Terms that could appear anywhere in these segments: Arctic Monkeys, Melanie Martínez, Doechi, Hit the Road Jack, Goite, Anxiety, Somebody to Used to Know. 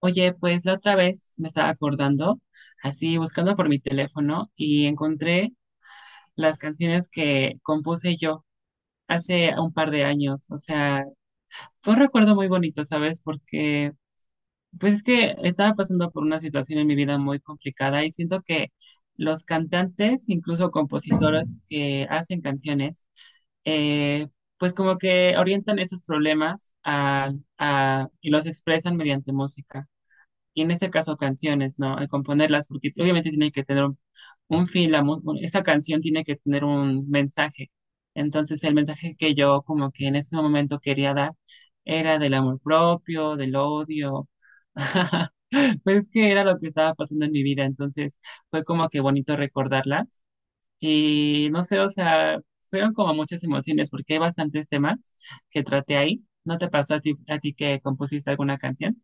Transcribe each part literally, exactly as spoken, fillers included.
Oye, pues la otra vez me estaba acordando, así buscando por mi teléfono y encontré las canciones que compuse yo hace un par de años. O sea, fue un recuerdo muy bonito, ¿sabes? Porque pues es que estaba pasando por una situación en mi vida muy complicada y siento que los cantantes, incluso compositores que hacen canciones, eh, pues como que orientan esos problemas a, a- y los expresan mediante música y en este caso canciones, ¿no? Al componerlas, porque obviamente tiene que tener un, un fin, la, mu- esa canción tiene que tener un mensaje. Entonces el mensaje que yo como que en ese momento quería dar era del amor propio, del odio. Pues que era lo que estaba pasando en mi vida, entonces fue como que bonito recordarlas y no sé, o sea, fueron como muchas emociones porque hay bastantes temas que traté ahí. ¿No te pasó a ti, a ti que compusiste alguna canción?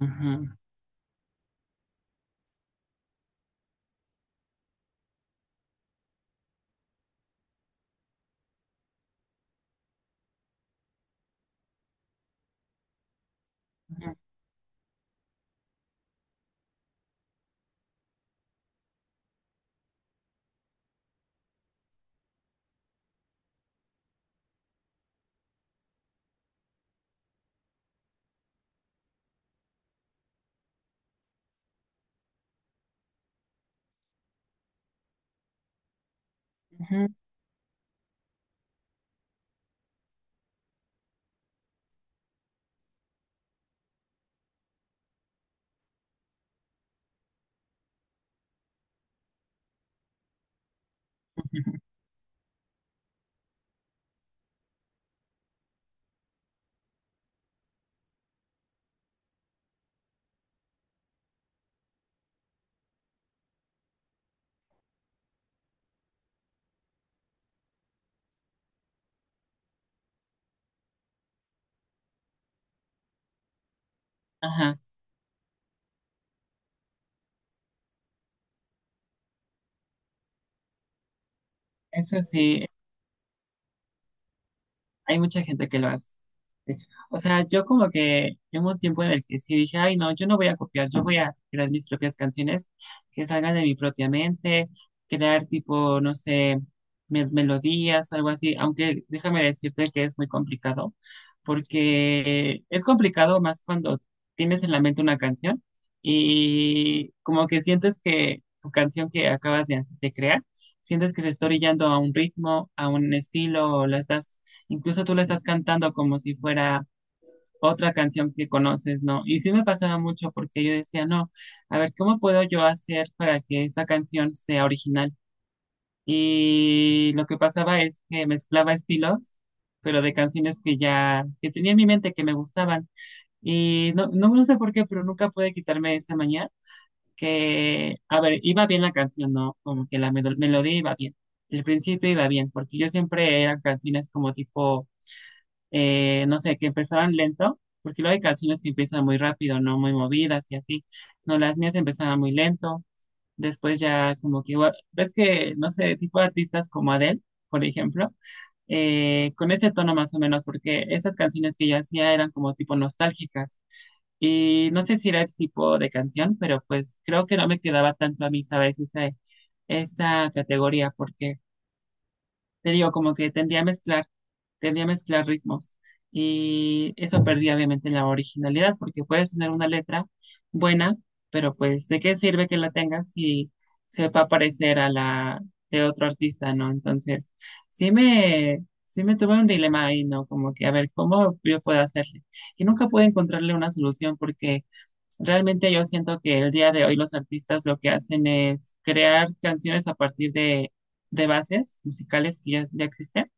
Ujú, ujú, ujú. Ujú. Ajá, eso sí. Hay mucha gente que lo hace, de hecho. O sea, yo como que en un tiempo en el que sí dije, ay, no, yo no voy a copiar, yo voy a crear mis propias canciones que salgan de mi propia mente, crear tipo, no sé, me- melodías, algo así, aunque déjame decirte que es muy complicado, porque es complicado más cuando tienes en la mente una canción y como que sientes que tu canción que acabas de, de crear, sientes que se está orillando a un ritmo, a un estilo, o la estás. Incluso tú lo estás cantando como si fuera otra canción que conoces, ¿no? Y sí me pasaba mucho porque yo decía, no, a ver, ¿cómo puedo yo hacer para que esta canción sea original? Y lo que pasaba es que mezclaba estilos, pero de canciones que ya, que tenía en mi mente que me gustaban. Y no, no, no sé por qué, pero nunca pude quitarme esa mañana que, a ver, iba bien la canción, ¿no? Como que la melo- melodía iba bien. El principio iba bien, porque yo siempre eran canciones como tipo eh, no sé, que empezaban lento, porque luego hay canciones que empiezan muy rápido, no muy movidas y así. No, las mías empezaban muy lento, después ya como que, igual- ves que, no sé, tipo de artistas como Adele, por ejemplo, eh, con ese tono más o menos, porque esas canciones que yo hacía eran como tipo nostálgicas. Y no sé si era el tipo de canción, pero pues creo que no me quedaba tanto a mí, ¿sabes? Esa, esa categoría, porque te digo, como que tendía a mezclar, tendía a mezclar ritmos. Y eso perdía obviamente la originalidad, porque puedes tener una letra buena, pero pues, ¿de qué sirve que la tengas si se va a parecer a la de otro artista, ¿no? Entonces, sí me, sí me tuve un dilema ahí, ¿no? Como que, a ver, ¿cómo yo puedo hacerle? Y nunca pude encontrarle una solución porque realmente yo siento que el día de hoy los artistas lo que hacen es crear canciones a partir de, de bases musicales que ya, ya existen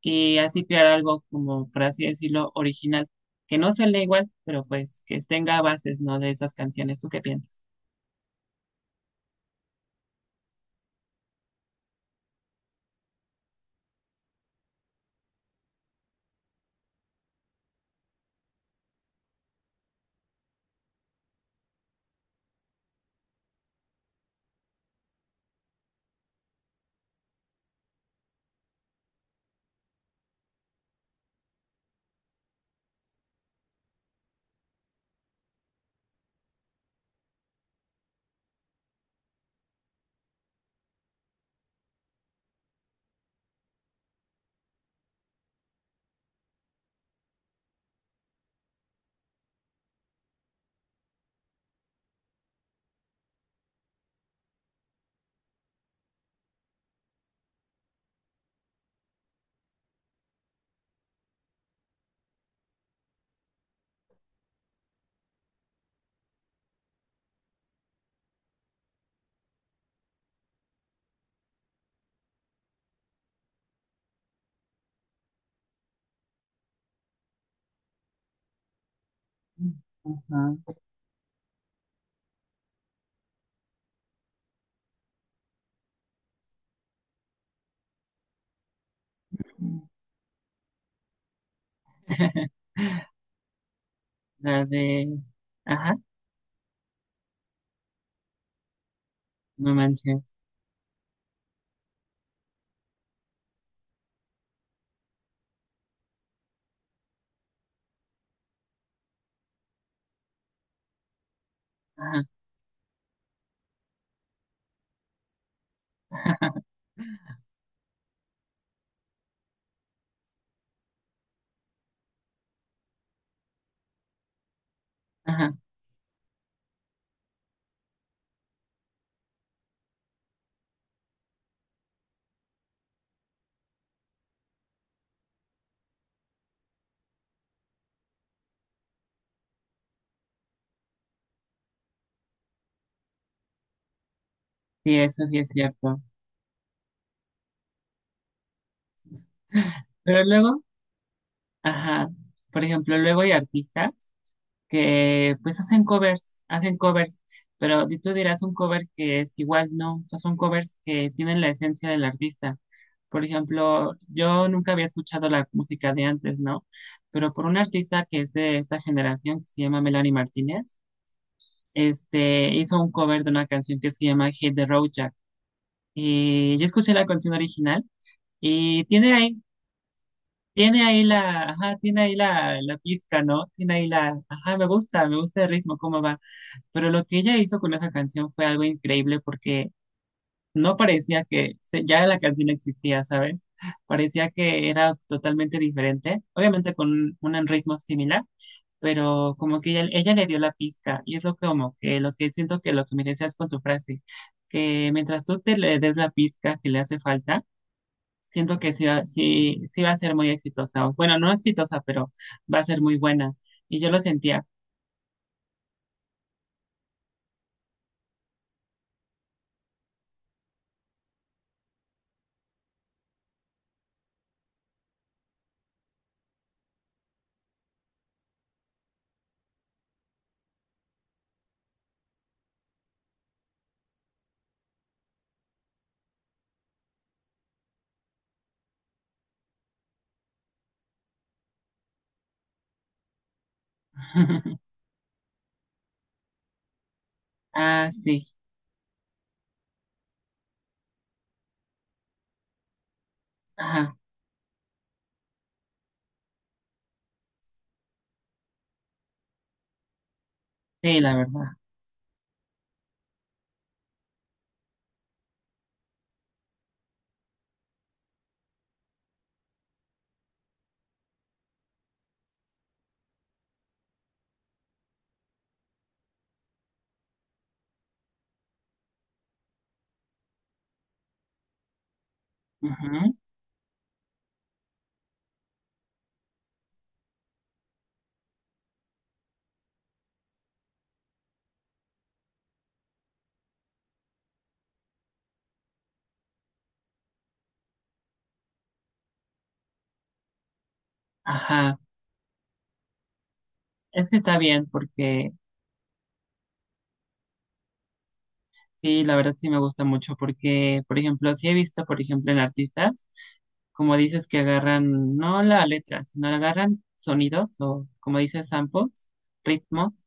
y así crear algo como, por así decirlo, original, que no suene igual, pero pues que tenga bases, ¿no? De esas canciones. ¿Tú qué piensas? Ajá. La de... Ajá, no manches. Ajá. Ajá, sí, eso sí es cierto. Pero luego, ajá, por ejemplo, luego hay artistas que pues hacen covers, hacen covers, pero di- tú dirás un cover que es igual, no, o sea, son covers que tienen la esencia del artista. Por ejemplo, yo nunca había escuchado la música de antes, ¿no? Pero por una artista que es de esta generación, que se llama Melanie Martínez, este, hizo un cover de una canción que se llama Hit the Road Jack. Y yo escuché la canción original y tiene ahí, tiene ahí la, ajá, tiene ahí la, la pizca, ¿no? Tiene ahí la, ajá, me gusta, me gusta el ritmo, cómo va. Pero lo que ella hizo con esa canción fue algo increíble porque no parecía que se- ya la canción existía, ¿sabes? Parecía que era totalmente diferente, obviamente con un un ritmo similar, pero como que ella, ella le dio la pizca y es lo que como que lo que siento que lo que me decías con tu frase, que mientras tú te le des la pizca que le hace falta, siento que sí, va- sí, sí va a ser muy exitosa, o bueno, no exitosa, pero va a ser muy buena. Y yo lo sentía. Ah, sí, ajá, sí, la verdad. Ujú. Ajá, es que está bien porque sí, la verdad sí me gusta mucho porque, por ejemplo, sí he visto, por ejemplo, en artistas, como dices, que agarran no la letra, sino agarran sonidos o, como dices, samples, ritmos,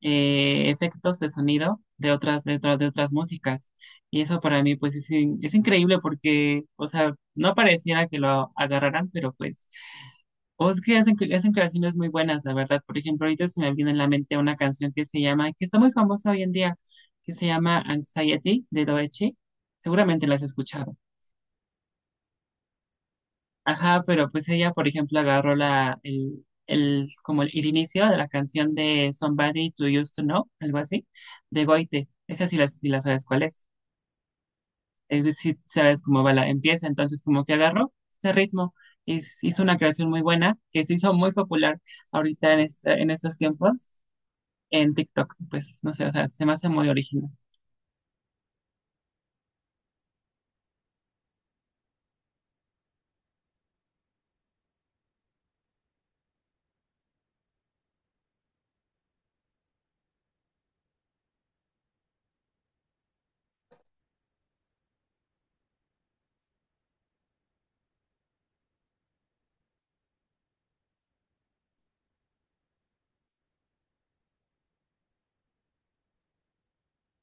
eh, efectos de sonido de otras, de, otra- de otras músicas. Y eso para mí, pues, es, in- es increíble porque, o sea, no pareciera que lo agarraran, pero pues o es que hacen, hacen creaciones muy buenas, la verdad. Por ejemplo, ahorita se me viene en la mente una canción que se llama, que está muy famosa hoy en día, que se llama Anxiety de Doechi. Seguramente la has escuchado. Ajá, pero pues ella, por ejemplo, agarró la, el, el, como el, el inicio de la canción de Somebody to Used to Know, algo así, de Goite. Esa sí la, sí la sabes cuál es. Es decir, sabes cómo va la, empieza. Entonces, como que agarró ese ritmo y s- hizo una creación muy buena que se hizo muy popular ahorita en, esta- en estos tiempos en TikTok. Pues no sé, o sea, se me hace muy original.